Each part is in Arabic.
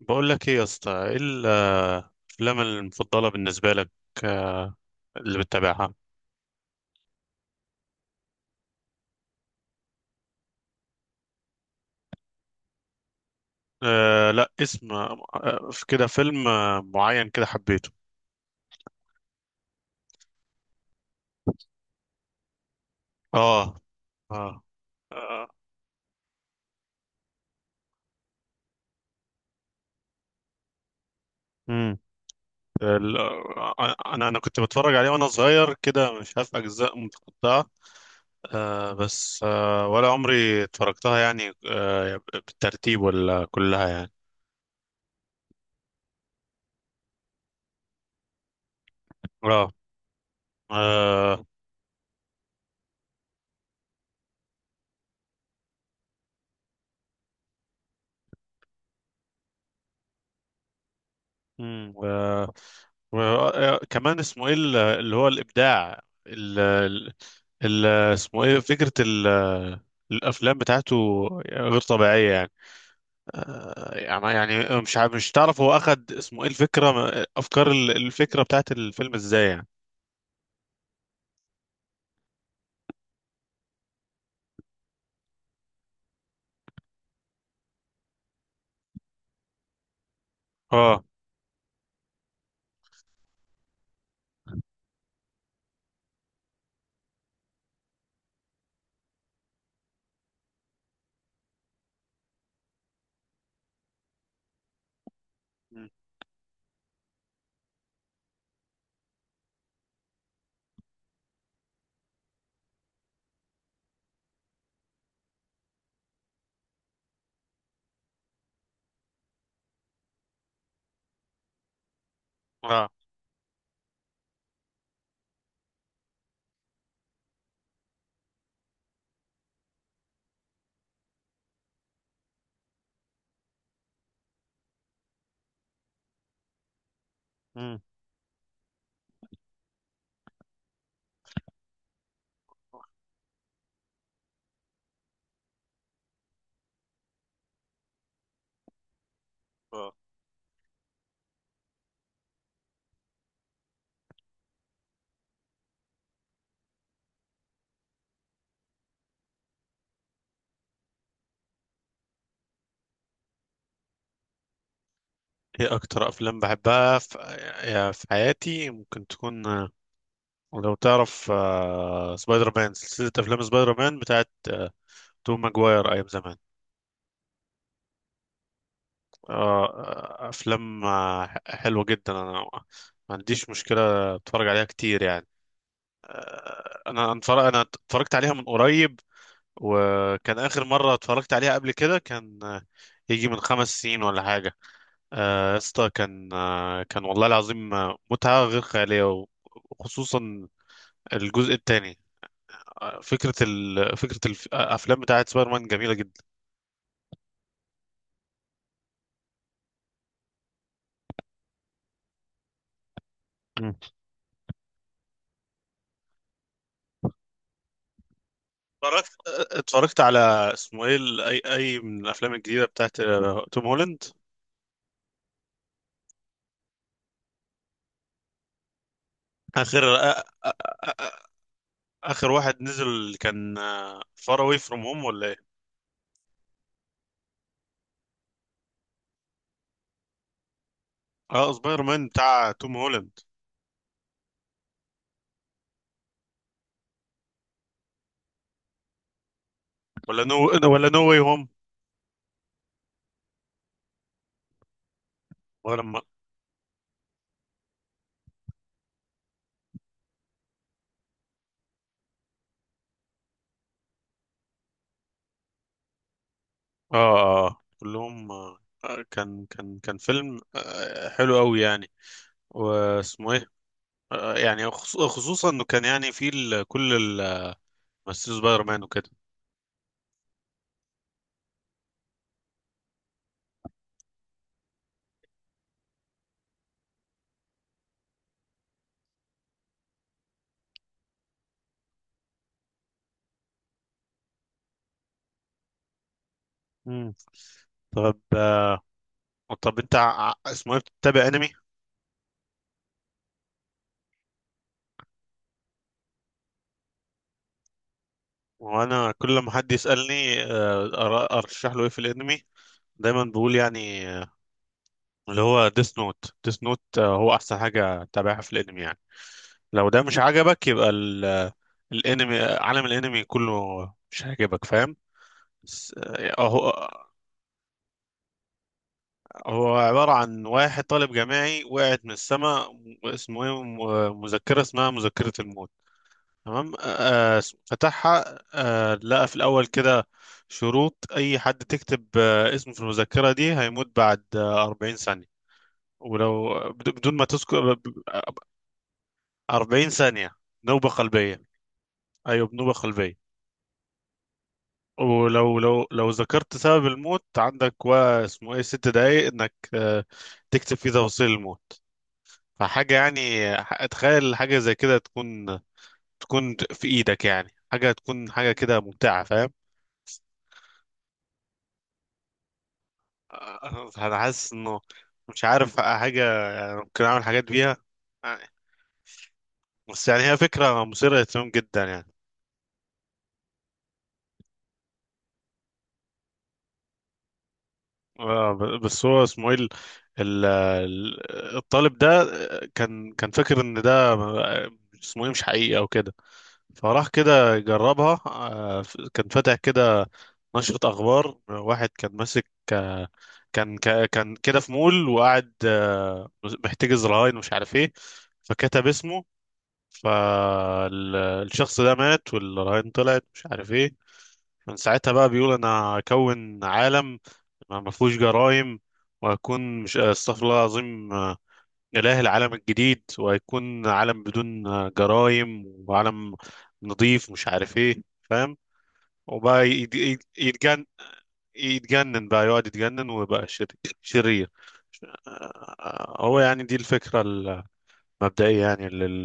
بقول لك ايه يا اسطى، ايه الافلام المفضله بالنسبه لك، آه، اللي بتتابعها؟ لا، اسم، في كده فيلم معين كده حبيته. اه. اه. آه. امم انا كنت بتفرج عليه وانا صغير كده، مش عارف اجزاء متقطعه. بس ولا عمري اتفرجتها يعني بالترتيب ولا كلها يعني. اه. آه. امم و... وكمان اسمه ايه اللي هو الابداع، ال... ال... ال- اسمه ايه فكره الافلام بتاعته غير طبيعيه يعني. يعني مش تعرف هو اخد اسمه ايه الفكره، الفكره بتاعت الفيلم ازاي يعني. اه. مم. اه. مم. آه. ايه اكتر افلام بحبها في حياتي، ممكن تكون لو تعرف سبايدر مان، سلسله افلام سبايدر مان بتاعت توم ماجواير ايام زمان. آه، افلام حلوه جدا. انا ما عنديش مشكله، اتفرج عليها كتير يعني. انا اتفرجت عليها من قريب، وكان اخر مره اتفرجت عليها قبل كده كان يجي من 5 سنين ولا حاجه. يا اسطى، كان والله العظيم متعه غير خياليه، وخصوصا الجزء الثاني. فكره الافلام بتاعت سبايدر مان جميله جدا. اتفرجت اتفرجت على اسمه ايه اي من الافلام الجديده بتاعت توم هولاند؟ اخر آ- آ- آ- اخر واحد نزل كان فار اواي فروم هوم ولا ايه؟ اه. سبايدر مان بتاع توم هولاند؟ ولا نو ولا نو واي هوم؟ ولا ما اه. كلهم. آه، كان فيلم حلو قوي يعني. واسمه ايه يعني خصوصا انه كان يعني فيه كل ممثلين سبايدر مان وكده. مم. طب آه، طب انت اسمه ايه بتتابع انمي؟ وانا كل ما حد يسالني ارشح له ايه في الانمي، دايما بقول يعني اللي هو ديس نوت هو احسن حاجه تتابعها في الانمي يعني. لو ده مش عجبك يبقى الانمي آه، عالم الانمي كله مش هيعجبك، فاهم. بس، هو عباره عن واحد طالب جامعي وقعت من السماء اسمه ايه مذكره، اسمها مذكره الموت. تمام. فتحها، لقى في الأول كده شروط، أي حد تكتب اسمه في المذكرة دي هيموت بعد 40 ثانية. ولو بدون ما تذكر، آه، 40 ثانية، نوبة قلبية. أيوة، بنوبة قلبية. ولو لو لو ذكرت سبب الموت عندك و اسمه ايه 6 دقايق انك تكتب فيه تفاصيل الموت. فحاجة يعني، تخيل حاجة زي كده تكون في ايدك يعني، حاجة تكون حاجة كده ممتعة، فاهم؟ انا حاسس انه مش عارف حاجه، يعني ممكن اعمل حاجات بيها يعني- بس يعني هي فكره مثيره للاهتمام جدا يعني. بس هو اسمه ايه الطالب ده كان فاكر ان ده اسمه ايه مش حقيقي او كده، فراح كده يجربها. كان فاتح كده نشرة اخبار، واحد كان ماسك آه، كان كان كده في مول وقاعد محتجز رهاين ومش عارف ايه. فكتب اسمه، فالشخص ده مات والرهائن طلعت مش عارف ايه. من ساعتها بقى بيقول انا هكون عالم ما فيهوش جرائم، وهكون، مش استغفر الله العظيم، إله العالم الجديد، وهيكون عالم بدون جرائم، وعالم نظيف مش عارف ايه، فاهم. وبقى يتجنن، بقى يقعد يتجنن ويبقى شرير، شرير. هو يعني دي الفكرة المبدئية يعني لل...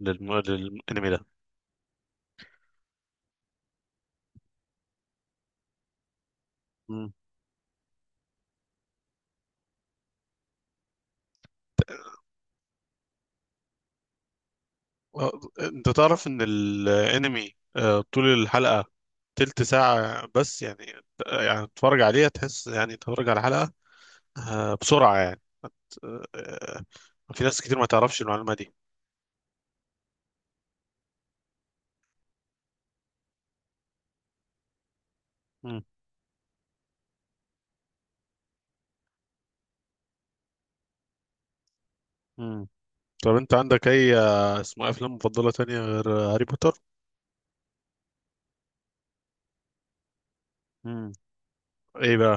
للم... للأنمي ده. آه، انت تعرف ان الانمي طول الحلقة تلت ساعة بس يعني، يعني تتفرج عليها تحس يعني تتفرج على الحلقة بسرعة يعني. آه، آه، في ناس كتير ما تعرفش المعلومة دي. مم. مم. طب انت عندك اي اسمه ايه، افلام مفضلة تانية غير هاري بوتر؟ مم. ايه بقى؟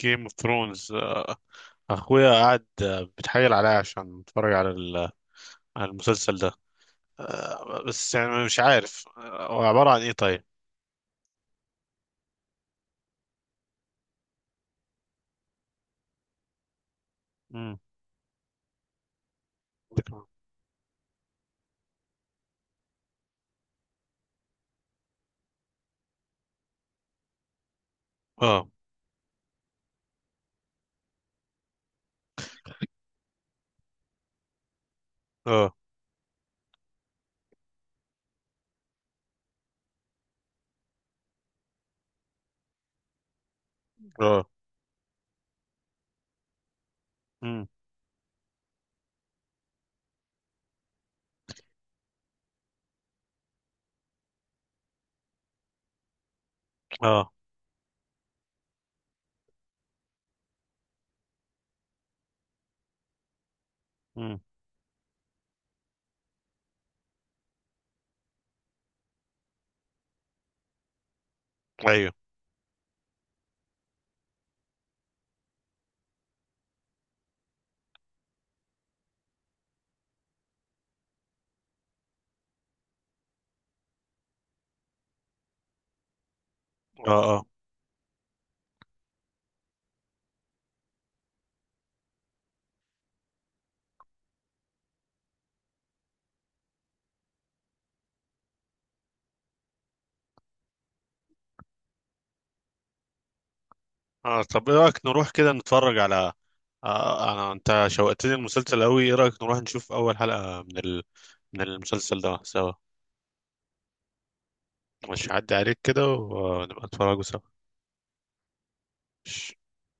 جيم اوف ثرونز. اخويا قاعد بيتحايل عليا عشان اتفرج على على المسلسل ده. بس يعني مش عارف هو عبارة عن ايه طيب؟ مم. اه. اه. اه. امم. اه. امم. ايوه. اه. اه. اه. طب ايه رايك نروح كده نتفرج على... آه انا انت شوقتني المسلسل قوي، ايه رايك نروح نشوف اول حلقه من من المسلسل ده سوا؟ مش هعدي عليك كده، ونبقى نتفرجوا سوا.